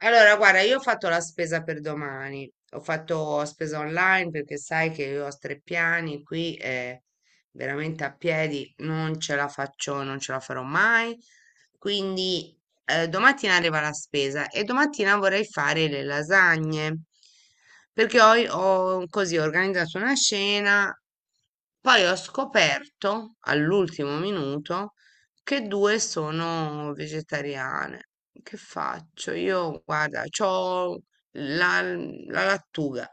Allora, guarda, io ho fatto la spesa per domani, ho fatto spesa online perché sai che io ho tre piani qui e veramente a piedi non ce la faccio, non ce la farò mai. Quindi domattina arriva la spesa e domattina vorrei fare le lasagne perché ho, ho così organizzato una scena, poi ho scoperto all'ultimo minuto che due sono vegetariane. Che faccio? Io, guarda, c'ho la lattuga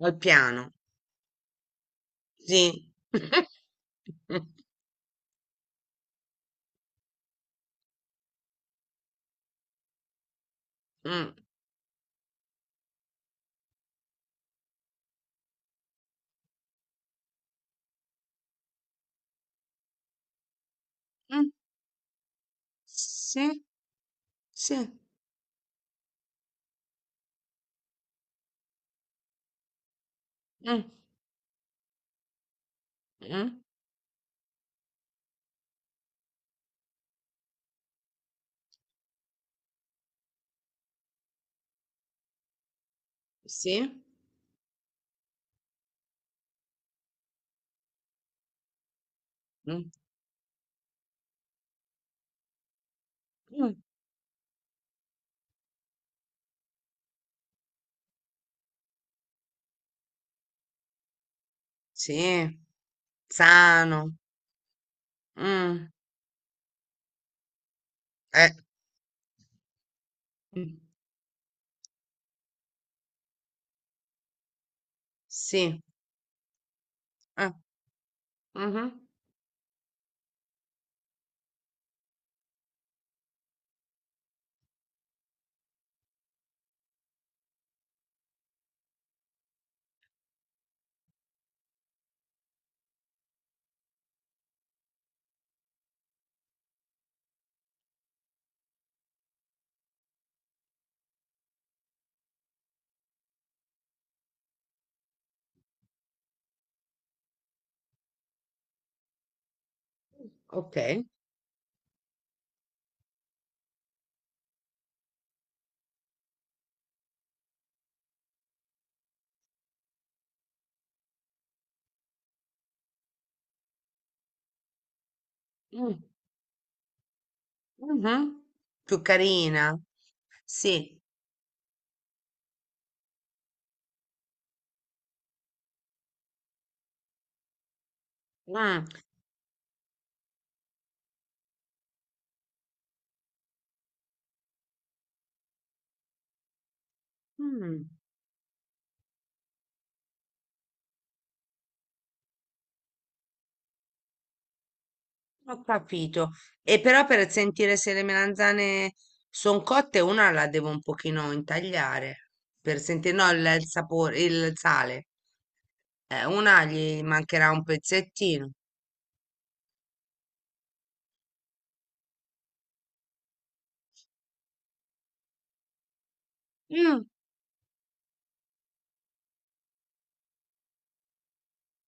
al piano. Sì. Mm, mm, Sì, sì. mm, mm, Sì. mm, mm, Sì. Sano. mm, eh, mm, Sì. eh, mhm, Ok. mm, mhm, Più carina. Sì. mm, mm. Ho capito. E però per sentire se le melanzane sono cotte, una la devo un pochino intagliare per sentire, no, il sapore, il sale. Una gli mancherà un pezzettino. Mm,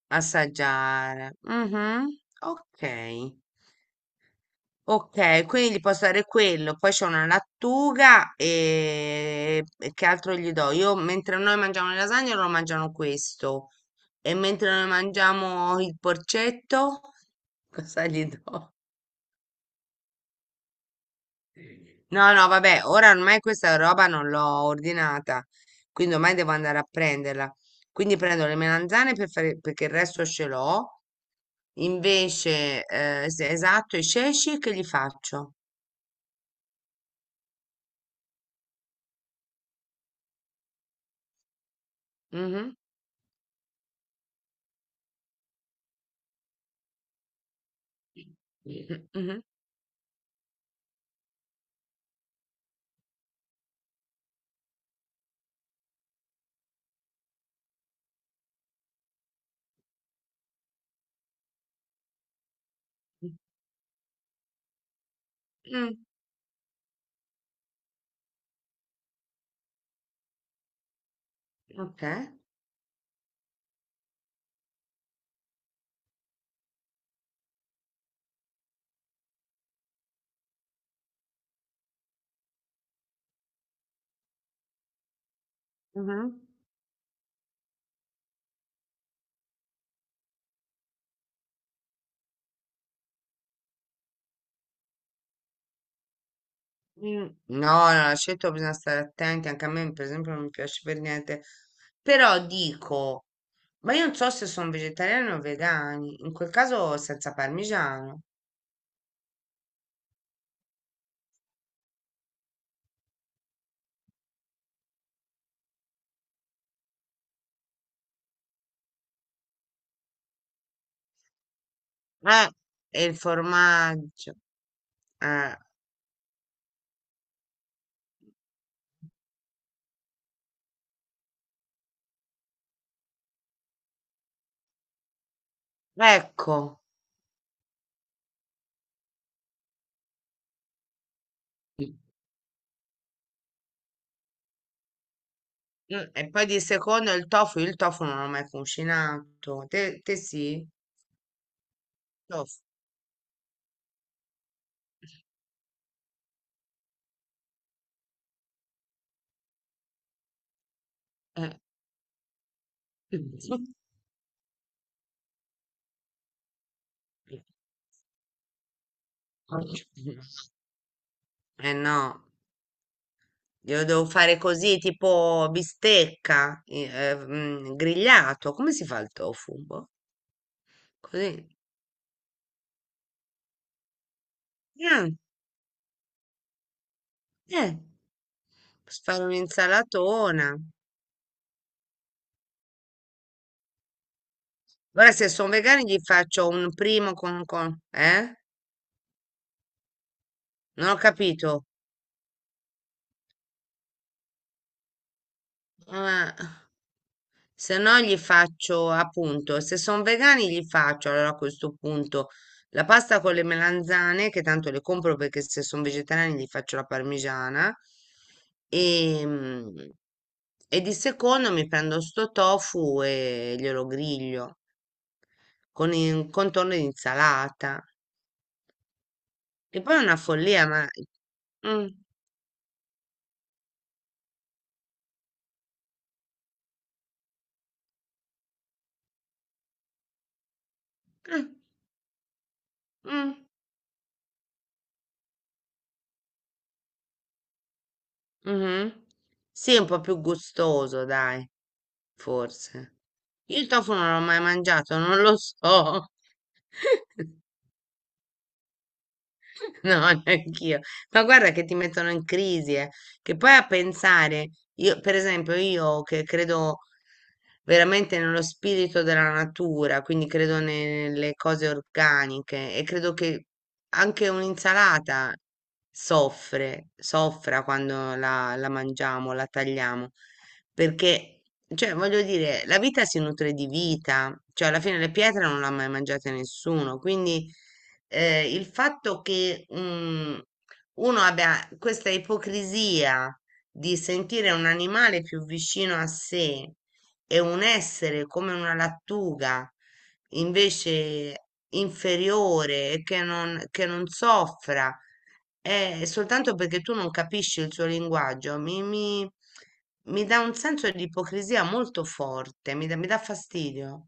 Assaggiare. Mhm, Ok. Ok, quindi gli posso dare quello. Poi c'è una lattuga e che altro gli do? Io mentre noi mangiamo le lasagne, loro mangiano questo. E mentre noi mangiamo il porcetto. Cosa gli do? No, no, vabbè, ora ormai questa roba non l'ho ordinata, quindi ormai devo andare a prenderla. Quindi prendo le melanzane per fare, perché il resto ce l'ho. Invece, esatto, i ceci che gli faccio? Mhm. Mhm. Mm, ok. Mhm. Mm. No, no, l'aceto bisogna stare attenti, anche a me per esempio non mi piace per niente, però dico, ma io non so se sono vegetariani o vegani, in quel caso senza parmigiano. Eh, e il formaggio. Eh, ecco. Mm, e poi di secondo il tofu, io il tofu non l'ho mai cucinato. Te, te sì? Tofu. Eh. Eh no, io devo fare così, tipo bistecca, grigliato. Come si fa il tofu? Boh, così. Eh, eh, posso fare un'insalatona. Guarda, se sono vegani gli faccio un primo con? Non ho capito. Eh, se no gli faccio appunto, se sono vegani gli faccio allora a questo punto la pasta con le melanzane, che tanto le compro perché se sono vegetariani gli faccio la parmigiana. E, mm, e di secondo mi prendo sto tofu e glielo griglio con il contorno di insalata. Che poi è una follia, ma... Mm, mm, mm. Mh-mh. Sì, è un po' più gustoso dai, forse. Io il tofu non l'ho mai mangiato, non lo so. No, neanch'io. Ma guarda che ti mettono in crisi, eh. Che poi a pensare, io, per esempio, io che credo veramente nello spirito della natura, quindi credo nelle cose organiche e credo che anche un'insalata soffra quando la mangiamo, la tagliamo, perché, cioè, voglio dire, la vita si nutre di vita, cioè alla fine le pietre non l'ha mai mangiate nessuno, quindi il fatto che mm, uno abbia questa ipocrisia di sentire un animale più vicino a sé e un essere come una lattuga invece inferiore e che non soffra, è soltanto perché tu non capisci il suo linguaggio, mi dà un senso di ipocrisia molto forte, mi dà fastidio.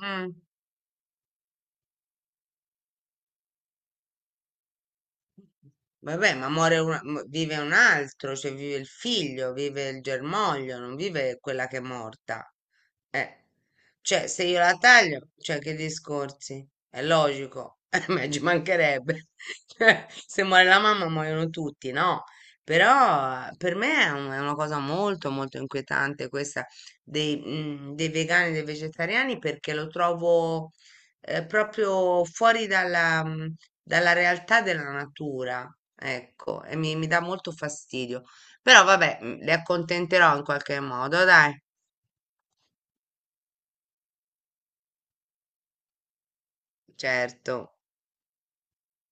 Mm. Vabbè, vive un altro, cioè vive il figlio, vive il germoglio, non vive quella che è morta. Eh, cioè se io la taglio, cioè che discorsi? È logico, ma ci mancherebbe. Cioè, se muore la mamma muoiono tutti, no? Però per me è una cosa molto molto inquietante questa dei vegani e dei vegetariani perché lo trovo proprio fuori dalla, dalla realtà della natura, ecco, e mi dà molto fastidio. Però vabbè, le accontenterò in qualche modo, dai, certo.